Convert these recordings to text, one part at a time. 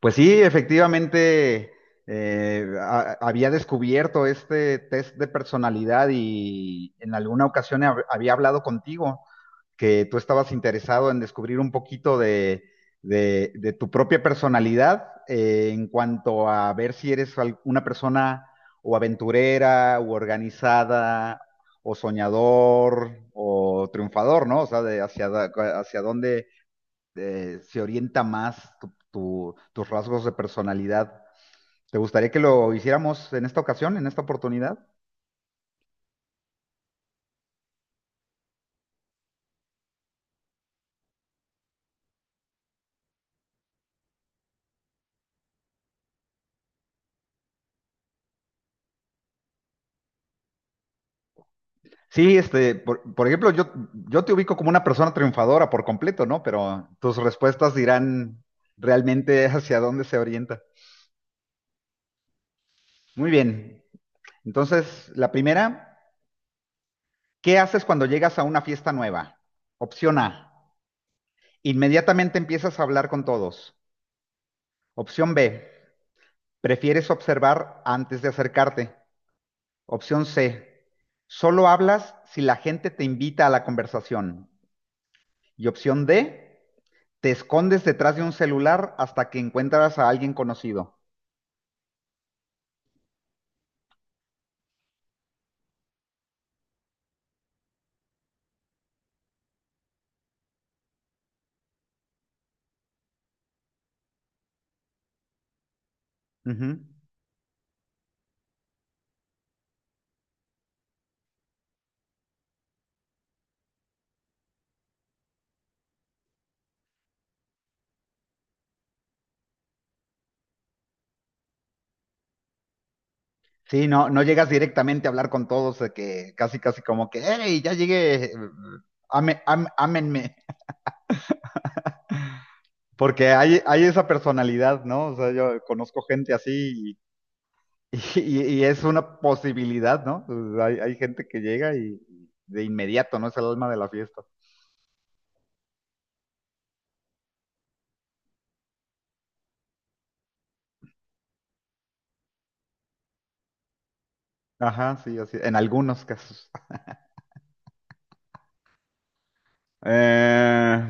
Pues sí, efectivamente, había descubierto este test de personalidad y en alguna ocasión había hablado contigo que tú estabas interesado en descubrir un poquito de tu propia personalidad en cuanto a ver si eres una persona o aventurera o organizada o soñador o triunfador, ¿no? O sea, hacia dónde se orienta más tus rasgos de personalidad. ¿Te gustaría que lo hiciéramos en esta ocasión, en esta oportunidad? Sí, este, por ejemplo, yo te ubico como una persona triunfadora por completo, ¿no? Pero tus respuestas dirán realmente hacia dónde se orienta. Muy bien. Entonces, la primera, ¿qué haces cuando llegas a una fiesta nueva? Opción A, inmediatamente empiezas a hablar con todos. Opción B, prefieres observar antes de acercarte. Opción C, solo hablas si la gente te invita a la conversación. Y opción D, te escondes detrás de un celular hasta que encuentras a alguien conocido. Ujú. Sí, no, no llegas directamente a hablar con todos, de que casi, casi como que, hey, ya llegué, ámenme. Porque hay esa personalidad, ¿no? O sea, yo conozco gente así y, y es una posibilidad, ¿no? Pues, hay gente que llega y de inmediato, ¿no? Es el alma de la fiesta. Ajá, sí, así, en algunos casos. Eh,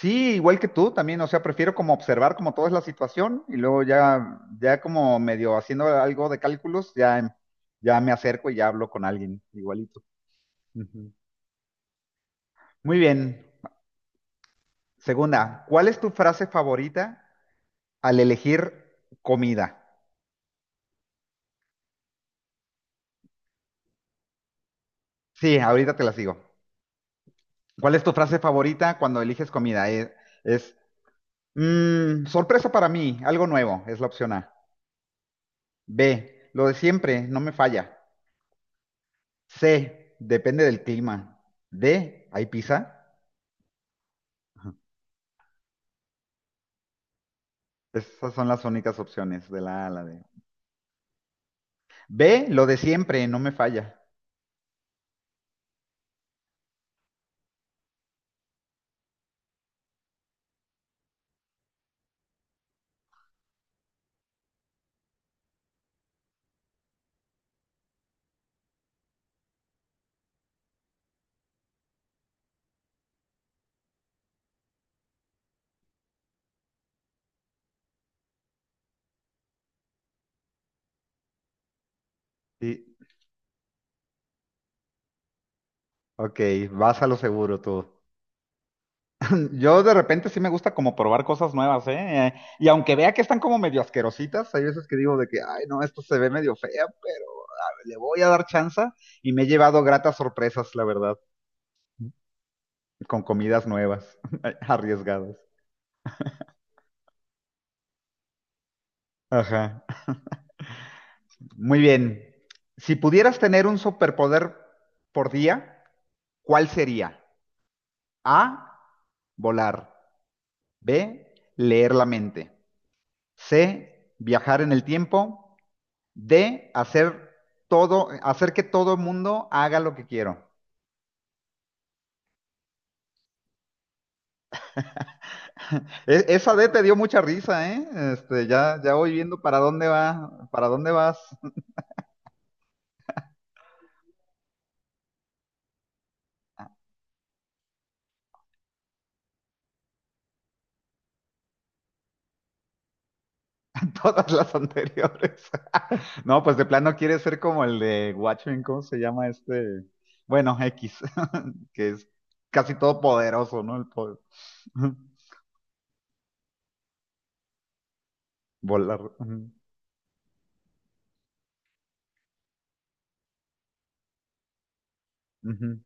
sí, igual que tú también, o sea, prefiero como observar como toda es la situación y luego ya, ya como medio haciendo algo de cálculos, ya, ya me acerco y ya hablo con alguien, igualito. Ujú. Muy bien. Segunda, ¿cuál es tu frase favorita al elegir comida? Sí, ahorita te las digo. ¿Cuál es tu frase favorita cuando eliges comida? Es, "Mm, sorpresa para mí, algo nuevo", es la opción A. B, lo de siempre, no me falla. C, depende del clima. D, ¿hay pizza? Esas son las únicas opciones de la A a la D. B, lo de siempre, no me falla. Sí, ok, vas a lo seguro tú. Yo de repente sí me gusta como probar cosas nuevas, ¿eh? Y aunque vea que están como medio asquerositas, hay veces que digo de que, ay, no, esto se ve medio fea, pero a ver, le voy a dar chance y me he llevado gratas sorpresas, la verdad, con comidas nuevas, arriesgadas. Ajá. Muy bien. Si pudieras tener un superpoder por día, ¿cuál sería? A, volar. B, leer la mente. C, viajar en el tiempo. D, hacer todo, hacer que todo el mundo haga lo que quiero. Esa D te dio mucha risa, ¿eh? Este, ya, ya voy viendo para dónde va, para dónde vas. Todas las anteriores. No, pues de plano quiere ser como el de Watchmen, ¿cómo se llama este? Bueno, X, que es casi todopoderoso, ¿no? El poder. Volar. Ujú, ujú.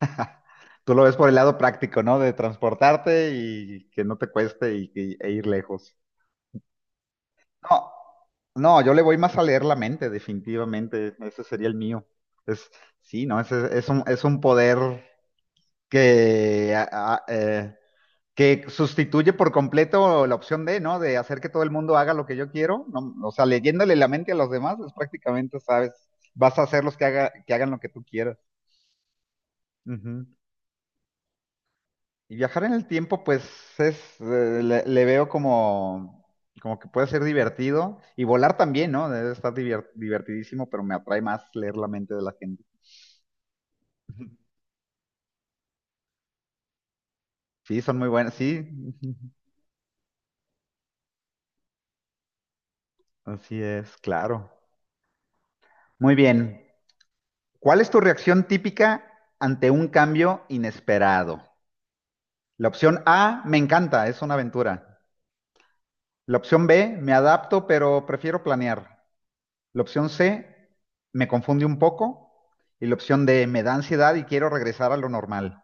Tú lo ves por el lado práctico, ¿no? De transportarte y que no te cueste y, e ir lejos. No, no, yo le voy más a leer la mente, definitivamente. Ese sería el mío. Es, sí, no, ese es un poder que que sustituye por completo la opción de, ¿no? De hacer que todo el mundo haga lo que yo quiero, ¿no? O sea, leyéndole la mente a los demás, es prácticamente, sabes, vas a hacerlos que hagan lo que tú quieras. Ujú. Y viajar en el tiempo, pues le veo como, como que puede ser divertido. Y volar también, ¿no? Debe estar divertidísimo, pero me atrae más leer la mente de la gente. Sí, son muy buenas, sí. Así es, claro. Muy bien. ¿Cuál es tu reacción típica ante un cambio inesperado? La opción A, me encanta, es una aventura. La opción B, me adapto, pero prefiero planear. La opción C, me confunde un poco. Y la opción D, me da ansiedad y quiero regresar a lo normal.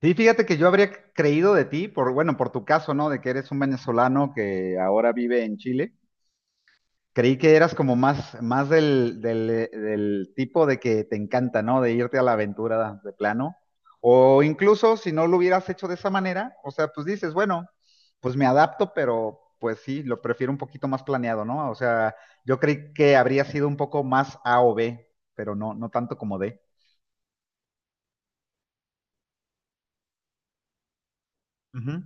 Sí, fíjate que yo habría creído de ti, por, bueno, por tu caso, ¿no? De que eres un venezolano que ahora vive en Chile. Creí que eras como más, más del tipo de que te encanta, ¿no? De irte a la aventura de plano. O incluso si no lo hubieras hecho de esa manera, o sea, pues dices, bueno, pues me adapto, pero pues sí, lo prefiero un poquito más planeado, ¿no? O sea, yo creí que habría sido un poco más A o B, pero no, no tanto como D. Ujú.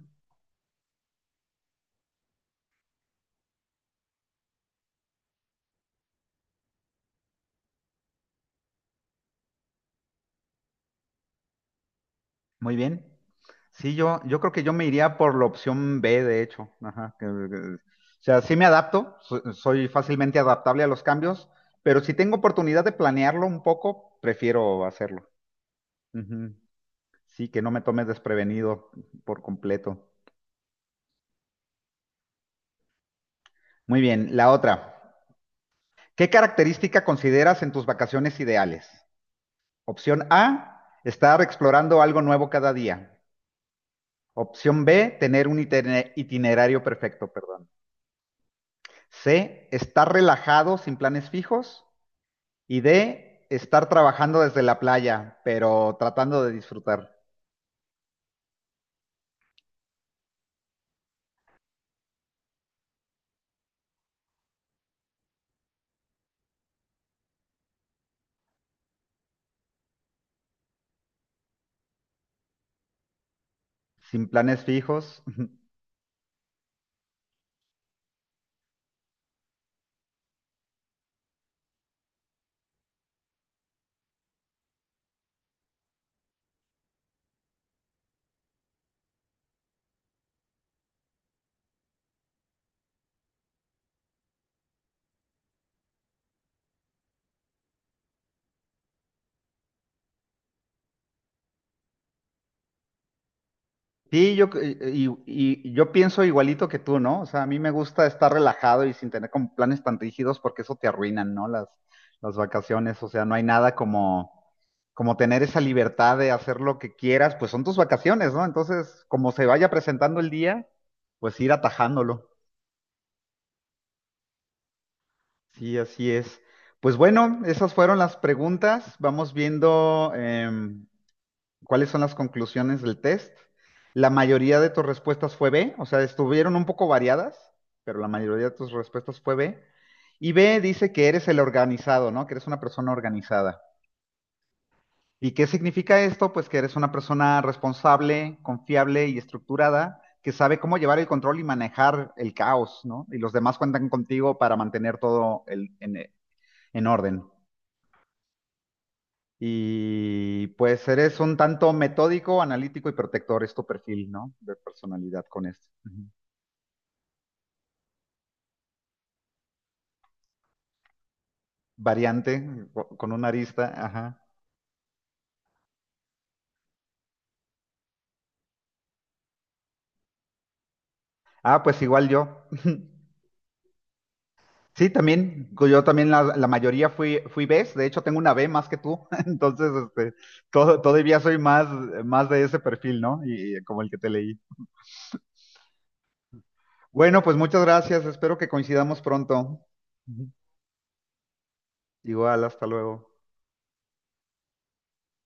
Muy bien. Sí, yo creo que yo me iría por la opción B, de hecho. Ajá, o sea, sí me adapto, soy fácilmente adaptable a los cambios, pero si tengo oportunidad de planearlo un poco, prefiero hacerlo. Ujú. Sí, que no me tome desprevenido por completo. Muy bien, la otra. ¿Qué característica consideras en tus vacaciones ideales? Opción A, estar explorando algo nuevo cada día. Opción B, tener un itinerario perfecto, perdón. C, estar relajado sin planes fijos. Y D, estar trabajando desde la playa, pero tratando de disfrutar, sin planes fijos. Sí, y yo pienso igualito que tú, ¿no? O sea, a mí me gusta estar relajado y sin tener como planes tan rígidos porque eso te arruinan, ¿no? Las vacaciones, o sea, no hay nada como, como tener esa libertad de hacer lo que quieras, pues son tus vacaciones, ¿no? Entonces, como se vaya presentando el día, pues ir atajándolo. Sí, así es. Pues bueno, esas fueron las preguntas. Vamos viendo cuáles son las conclusiones del test. La mayoría de tus respuestas fue B, o sea, estuvieron un poco variadas, pero la mayoría de tus respuestas fue B. Y B dice que eres el organizado, ¿no? Que eres una persona organizada. ¿Y qué significa esto? Pues que eres una persona responsable, confiable y estructurada, que sabe cómo llevar el control y manejar el caos, ¿no? Y los demás cuentan contigo para mantener todo en orden. Y pues eres un tanto metódico, analítico y protector, es tu perfil, ¿no? De personalidad con esto. Ujú. Variante, con una arista, ajá. Ah, pues igual yo. Sí, también, yo también la mayoría fui Bs, de hecho tengo una B más que tú, entonces este, todavía soy más, más de ese perfil, ¿no? Y como el que te leí. Bueno, pues muchas gracias, espero que coincidamos pronto. Ujú. Igual, hasta luego.